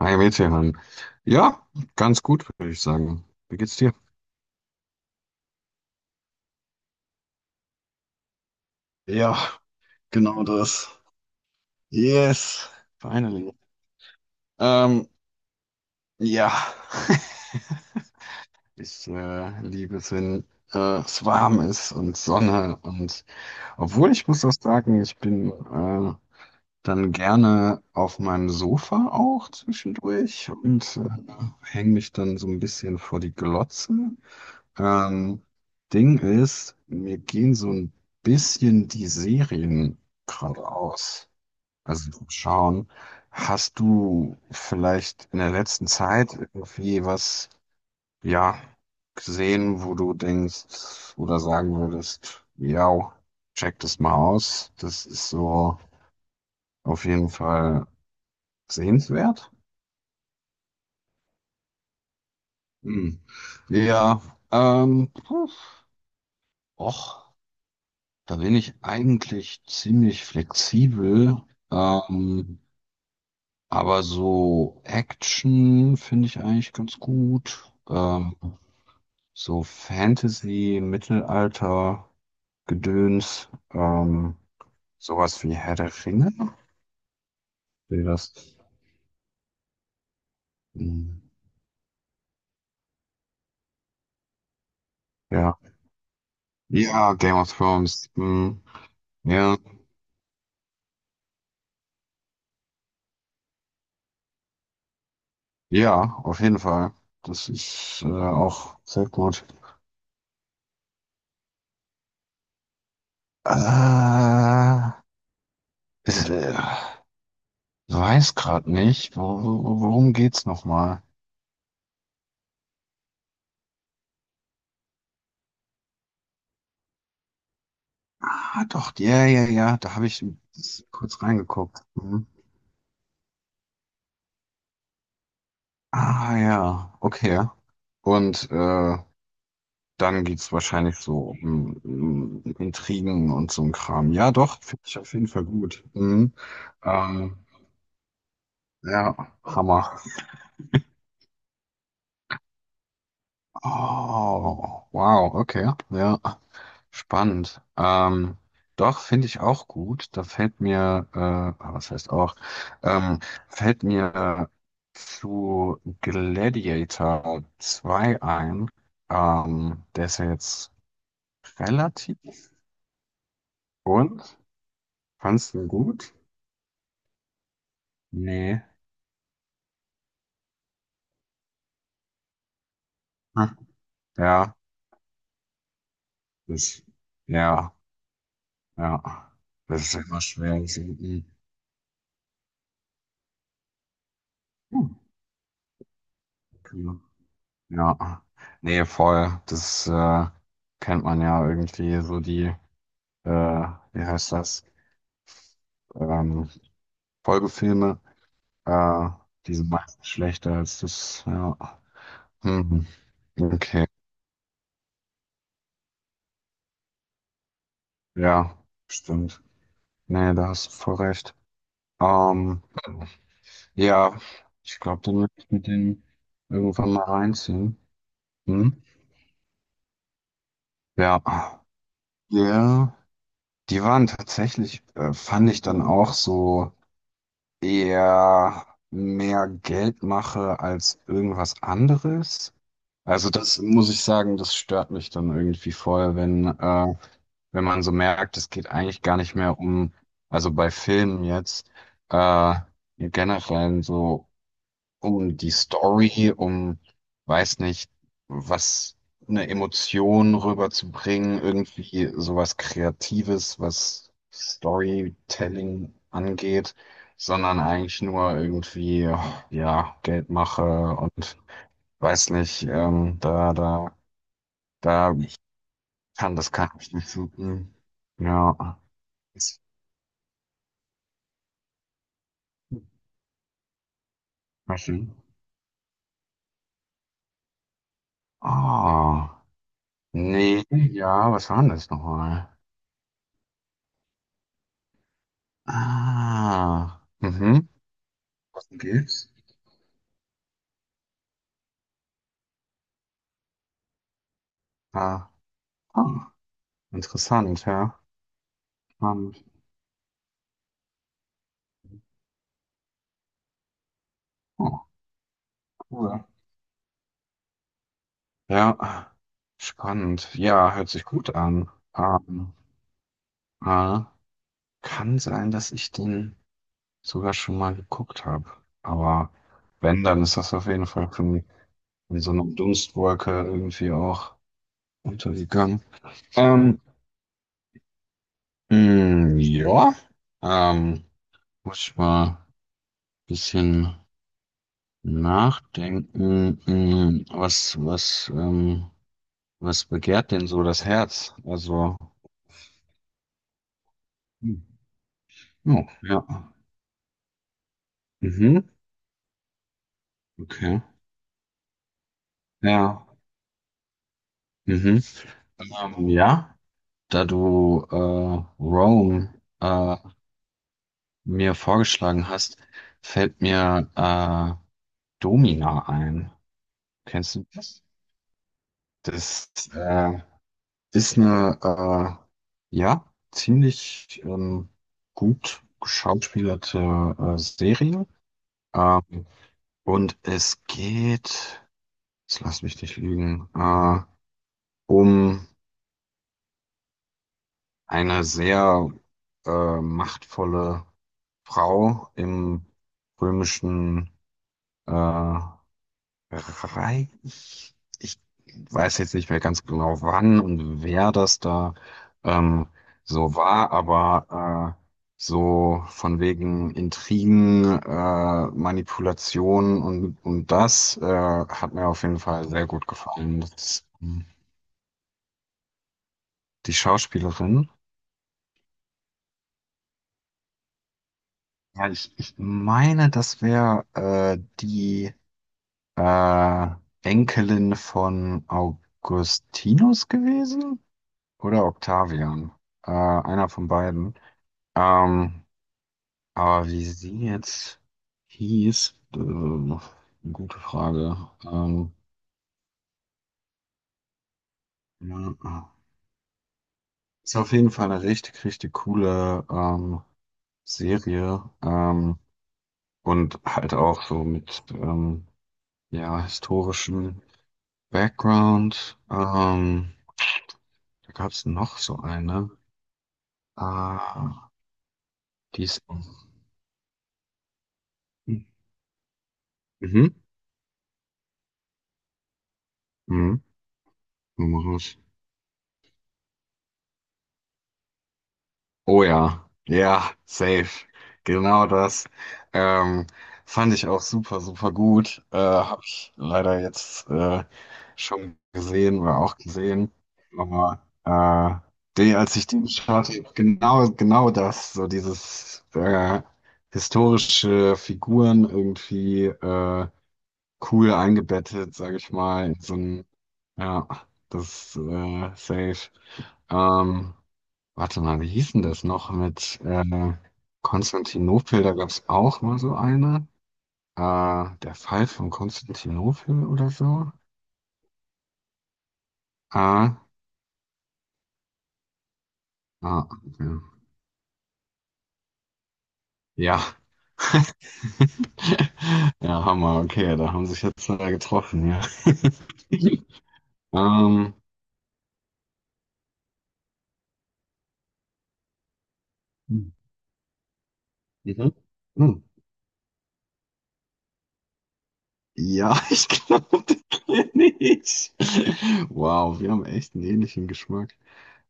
Hi, Metehan. Ja, ganz gut, würde ich sagen. Wie geht's dir? Ja, genau das. Yes, finally. Ähm, ja, ich liebe es, wenn es warm ist und Sonne. Und obwohl ich muss auch sagen, ich bin dann gerne auf meinem Sofa auch zwischendurch und hänge mich dann so ein bisschen vor die Glotze. Ähm, Ding ist, mir gehen so ein bisschen die Serien gerade aus. Also schauen, hast du vielleicht in der letzten Zeit irgendwie was, ja, gesehen, wo du denkst oder sagen würdest, ja, check das mal aus. Das ist so auf jeden Fall sehenswert. Hm. Ja, puh, och. Da bin ich eigentlich ziemlich flexibel, ähm, aber so Action finde ich eigentlich ganz gut. So Fantasy, Mittelalter, Gedöns, sowas wie Herr der Ringe. Wie das? Hm, ja. Ja, Game of Thrones. Hm, ja. Ja, auf jeden Fall. Das ist auch sehr gut. Äh, ist, äh, Weiß gerade nicht. Worum geht's nochmal? Ah, doch, ja, ja, ja. Da habe ich kurz reingeguckt. Mhm. Ah, ja, okay. Und dann geht's wahrscheinlich so um Intrigen und so ein Kram. Ja, doch, finde ich auf jeden Fall gut. Mhm. Ähm, ja, Hammer. Oh, wow, okay, ja. Spannend. Doch, finde ich auch gut. Da fällt mir, ah, was heißt auch, ähm, fällt mir zu Gladiator 2 ein. Der ist ja jetzt relativ. Und? Fandst du ihn gut? Nee. Hm. Ja, das, ja, ja. Das ist immer schwer. Das ist, mm, hm, cool. Ja. Nee, voll. Das, kennt man ja irgendwie so die. Wie heißt das, ähm, Folgefilme, äh, die sind meistens schlechter als das, ja. Hm, hm, okay, ja, stimmt. Nee, da hast du voll recht. Ähm, ja, ich glaube, dann werde ich mit den irgendwann mal reinziehen. Hm? Ja, ja, die waren tatsächlich, fand ich dann auch so eher mehr Geldmache als irgendwas anderes. Also das muss ich sagen, das stört mich dann irgendwie voll, wenn man so merkt, es geht eigentlich gar nicht mehr um, also bei Filmen jetzt, äh, generell so um die Story, um, weiß nicht, was eine Emotion rüberzubringen, irgendwie sowas Kreatives, was Storytelling angeht, sondern eigentlich nur irgendwie, ja, Geldmache und weiß nicht, da ich kann ich nicht so gut. Ja, ist mal schön. Ah, nee, ja, was war denn das nochmal? Ah, mhm. Was denn gibt's? Ah, ah, interessant, ja. Spannend. Oh, cool. Ja, spannend. Ja, hört sich gut an. Ähm, äh, kann sein, dass ich den sogar schon mal geguckt habe. Aber wenn, dann ist das auf jeden Fall für mich. Wie so eine Dunstwolke irgendwie auch untergegangen. Ähm, mh, ja, ähm, muss ich mal ein bisschen nachdenken. Was begehrt denn so das Herz? Also, hm, oh, ja, mhm, okay, ja, mhm. Ja, da du Rome äh, mir vorgeschlagen hast, fällt mir Domina ein. Kennst du das? Das ist eine, ja, ziemlich gut geschauspielerte Serie. Ähm, und es geht, jetzt lass mich nicht lügen, um eine sehr machtvolle Frau im römischen äh, Rei- Ich weiß jetzt nicht mehr ganz genau, wann und wer das da ähm, so war, aber so von wegen Intrigen, Manipulation und das hat mir auf jeden Fall sehr gut gefallen. Das ist, die Schauspielerin. Ja, ich meine, das wäre die äh, Enkelin von Augustinus gewesen. Oder Octavian. Einer von beiden. Ähm, aber wie sie jetzt hieß, eine gute Frage. Ja, ist auf jeden Fall eine richtig, richtig coole Serie. Und halt auch so mit ja, historischem Background. Da gab es noch so eine. Ah, die ist. Mhm. Mhm. Mhm. Oh ja, ja, safe. Genau das. Ähm, fand ich auch super, super gut. Habe ich leider jetzt schon gesehen oder auch gesehen. Aber die, als ich den schaute, genau, genau das, so dieses historische Figuren irgendwie cool eingebettet, sage ich mal, in so ein, ja, das safe. Ähm, Warte mal, wie hieß denn das noch mit Konstantinopel? Da gab es auch mal so eine. Der Fall von Konstantinopel oder so. Äh, ah, okay. ja. Ja, Hammer, okay, da haben sich jetzt zwei getroffen, ja. Ähm, mhm. Hm. Ja, ich glaube, den kenne ich. Wow, wir haben echt einen ähnlichen Geschmack.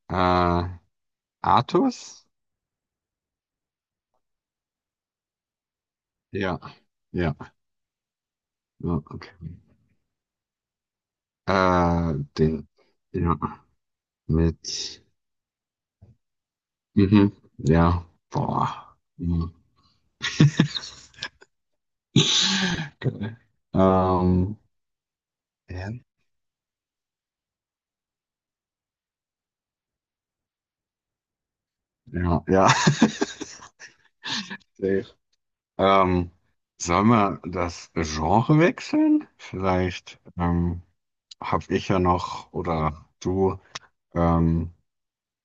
Äh, Artus? Ja, ja. Ja, okay. Den, ja, mit, mhm, ja, boah, mhm. Geil. Ähm, ja, ja, ja. Safe. Ähm, sollen wir das Genre wechseln? Vielleicht habe ich ja noch oder du ähm,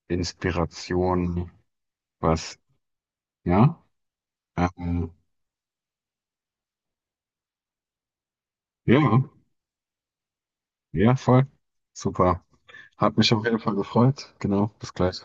Inspiration, was, ja? Ähm, ja, ja, voll. Super. Hat mich auf jeden Fall gefreut. Genau, bis gleich.